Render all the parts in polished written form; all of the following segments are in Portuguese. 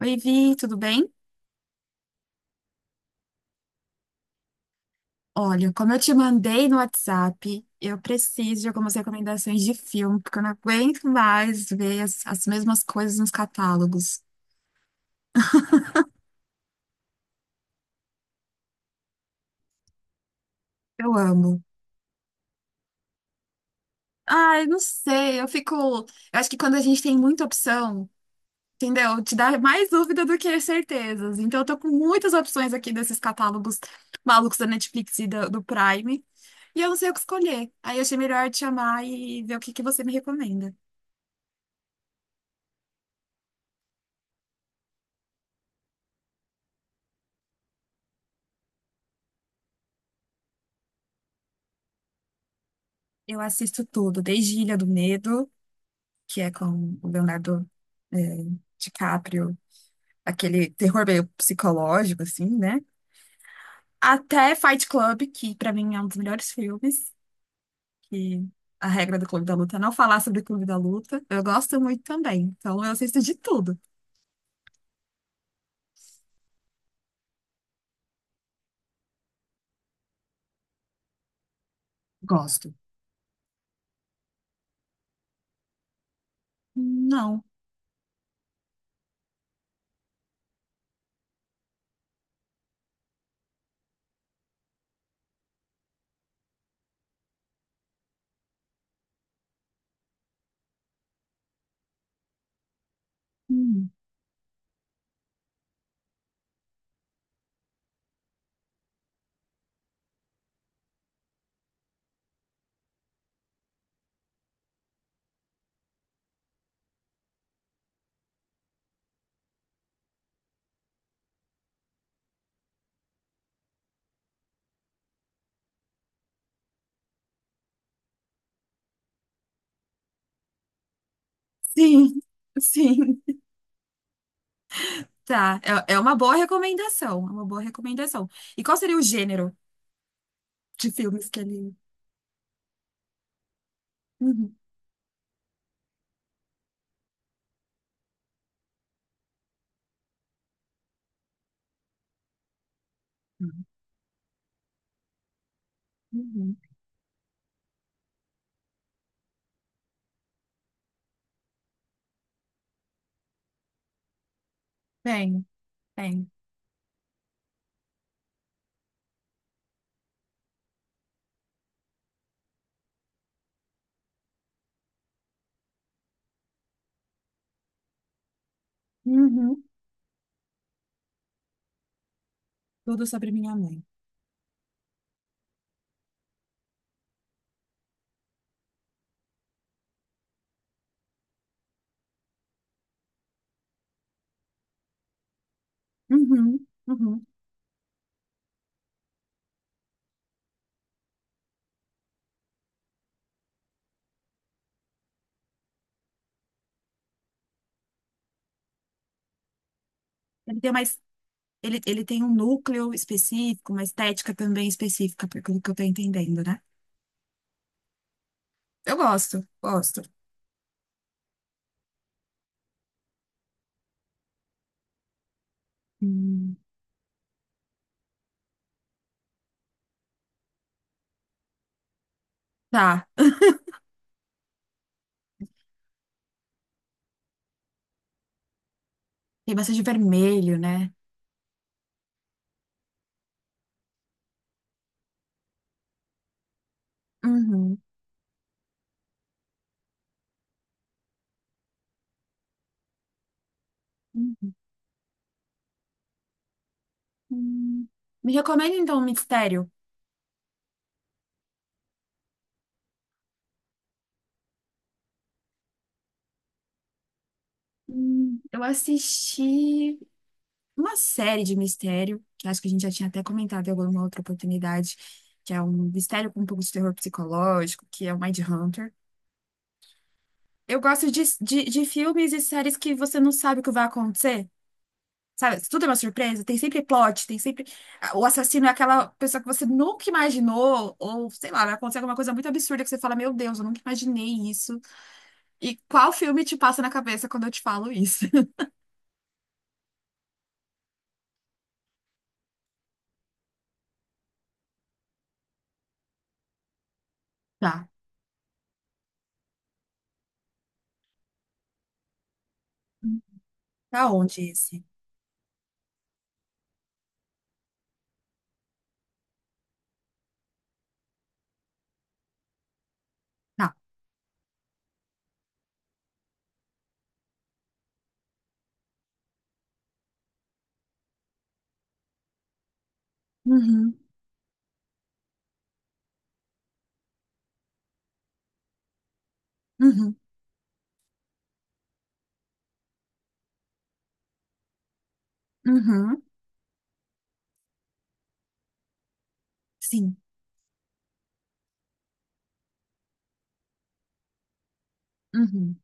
Oi, Vi, tudo bem? Olha, como eu te mandei no WhatsApp, eu preciso de algumas recomendações de filme, porque eu não aguento mais ver as mesmas coisas nos catálogos. Eu amo. Ai, não sei, eu fico. Eu acho que quando a gente tem muita opção, entendeu? Te dá mais dúvida do que certezas. Então, eu tô com muitas opções aqui desses catálogos malucos da Netflix e do Prime, e eu não sei o que escolher. Aí, eu achei melhor te chamar e ver o que que você me recomenda. Eu assisto tudo, desde Ilha do Medo, que é com o Leonardo é, DiCaprio, aquele terror meio psicológico, assim, né? Até Fight Club, que pra mim é um dos melhores filmes, que a regra do Clube da Luta é não falar sobre o Clube da Luta. Eu gosto muito também, então eu assisto de tudo. Gosto. Não. Hum. Sim, sim, tá. É, é uma boa recomendação, é uma boa recomendação. E qual seria o gênero de filmes que ele... Uhum, uhum. Bem, bem. Uhum. Tudo sobre minha mãe. Uhum, uhum. Ele tem mais, ele, ele tem um núcleo específico, uma estética também específica, pelo que eu tô entendendo, né? Eu gosto, gosto. Hum, tá. Tem bastante vermelho, né? Uhum, uhum. Hum. Me recomenda então um mistério. Eu assisti uma série de mistério, que acho que a gente já tinha até comentado em alguma outra oportunidade, que é um mistério com um pouco de terror psicológico, que é o Mindhunter. Eu gosto de filmes e séries que você não sabe o que vai acontecer. Sabe? Tudo é uma surpresa. Tem sempre plot, tem sempre. O assassino é aquela pessoa que você nunca imaginou, ou sei lá, vai acontecer alguma coisa muito absurda que você fala: Meu Deus, eu nunca imaginei isso. E qual filme te passa na cabeça quando eu te falo isso? Tá. Tá onde esse? Tá. Uhum, uhum, uhum. Sim. Uhum,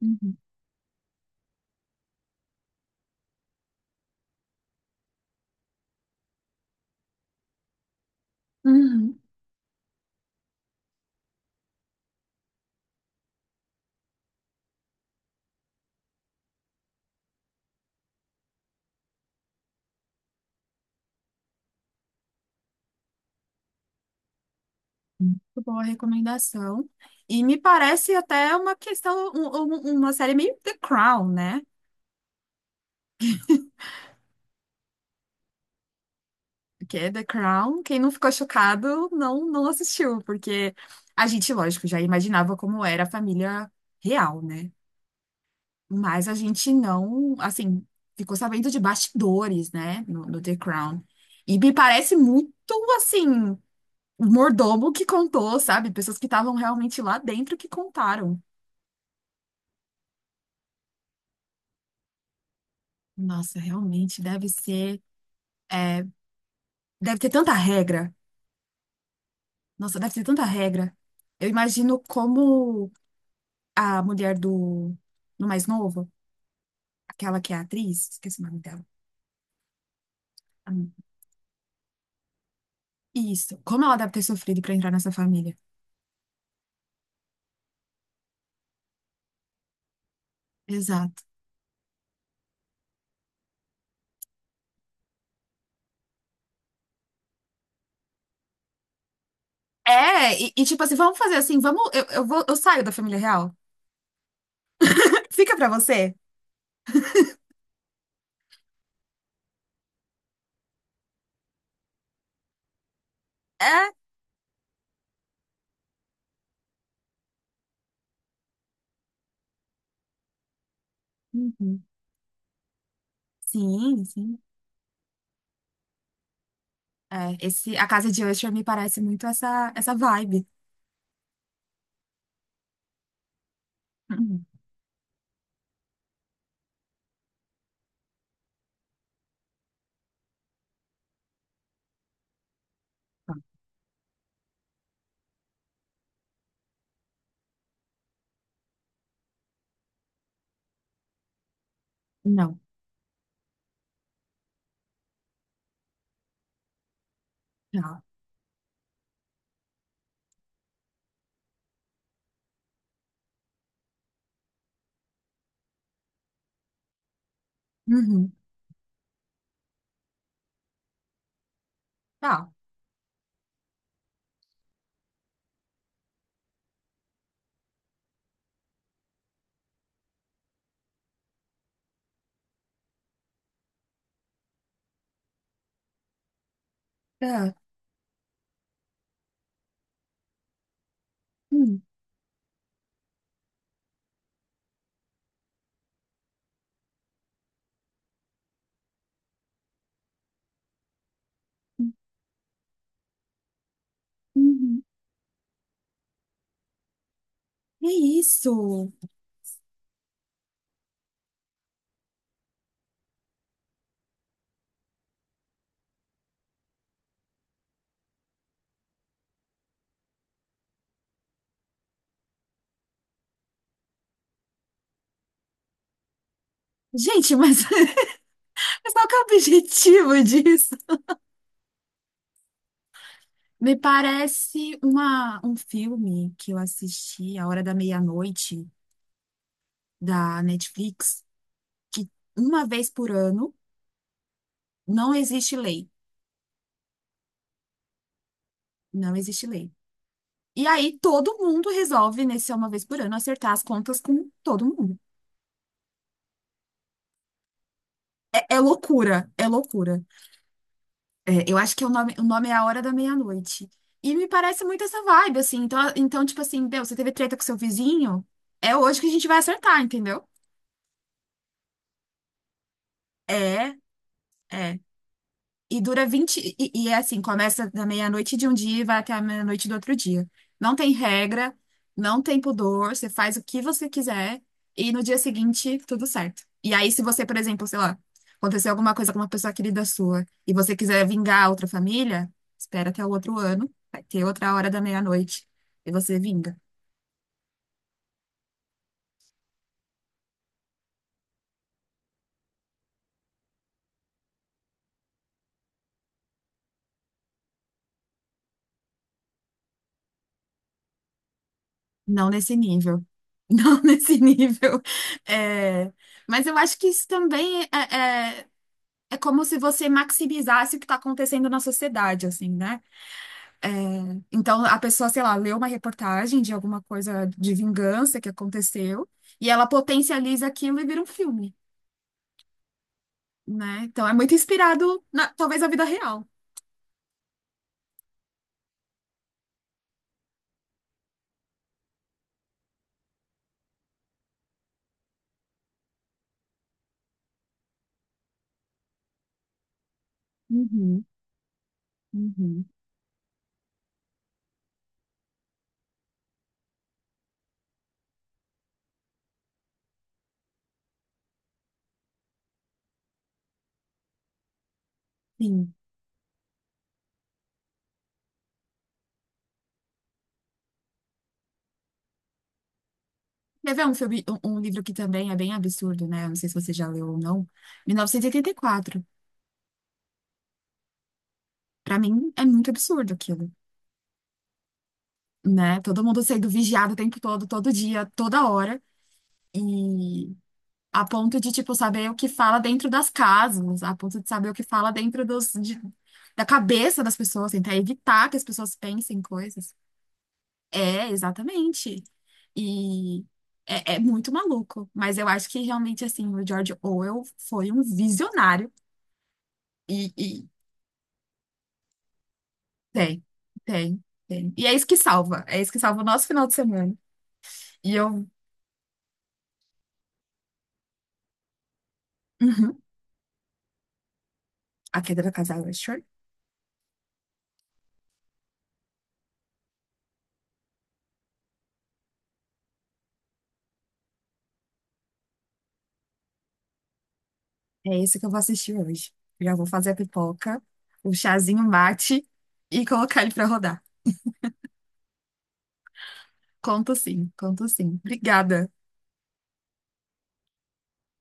uhum, uhum. Muito boa recomendação. E me parece até uma questão, uma série meio The Crown, né? Porque é The Crown, quem não ficou chocado não, não assistiu, porque a gente, lógico, já imaginava como era a família real, né? Mas a gente não, assim, ficou sabendo de bastidores, né? No The Crown. E me parece muito, assim, um mordomo que contou, sabe? Pessoas que estavam realmente lá dentro que contaram. Nossa, realmente deve ser. É, deve ter tanta regra. Nossa, deve ter tanta regra. Eu imagino como a mulher do mais novo, aquela que é atriz, esqueci o nome dela. Ah, isso. Como ela deve ter sofrido pra entrar nessa família. Exato. É, e tipo assim, vamos fazer assim, vamos. Eu vou, eu saio da família real. Fica pra você. É. Uhum. Sim, sim. É, esse, a casa de Usher me parece muito essa vibe. Uhum. Não. Não. Tá. Uhum. Tá. Tá. Hum. Uhum. Que isso? Gente, mas, mas qual que é o objetivo disso? Me parece uma, um filme que eu assisti, A Hora da Meia-Noite, da Netflix, que uma vez por ano não existe lei. Não existe lei. E aí todo mundo resolve, nesse uma vez por ano, acertar as contas com todo mundo. É, é loucura, é loucura. É, eu acho que o nome é A Hora da Meia-Noite. E me parece muito essa vibe, assim. Então, então, tipo assim, meu, você teve treta com seu vizinho? É hoje que a gente vai acertar, entendeu? É, é. E dura vinte. E é assim, começa da meia-noite de um dia e vai até a meia-noite do outro dia. Não tem regra, não tem pudor, você faz o que você quiser e no dia seguinte tudo certo. E aí, se você, por exemplo, sei lá, aconteceu alguma coisa com uma pessoa querida sua e você quiser vingar a outra família, espera até o outro ano, vai ter outra hora da meia-noite e você vinga. Não nesse nível. Não nesse nível. É, mas eu acho que isso também é é como se você maximizasse o que está acontecendo na sociedade, assim, né? É, então, a pessoa, sei lá, lê uma reportagem de alguma coisa de vingança que aconteceu e ela potencializa aquilo e vira um filme, né? Então, é muito inspirado, na, talvez, na vida real. Uhum, uhum. Sim. Quer ver um filme, um livro que também é bem absurdo, né? Não sei se você já leu ou não. 1984. Para mim, é muito absurdo aquilo, né? Todo mundo sendo vigiado o tempo todo, todo dia, toda hora. E a ponto de, tipo, saber o que fala dentro das casas, a ponto de saber o que fala dentro da cabeça das pessoas, tentar evitar que as pessoas pensem coisas. É, exatamente. E é, é muito maluco. Mas eu acho que realmente, assim, o George Orwell foi um visionário. E tem, tem, tem. E é isso que salva. É isso que salva o nosso final de semana. E eu. Uhum. A Queda da Casa Elefante. É isso que eu vou assistir hoje. Já vou fazer a pipoca, o chazinho mate e colocar ele pra rodar. Conto sim, conto sim. Obrigada.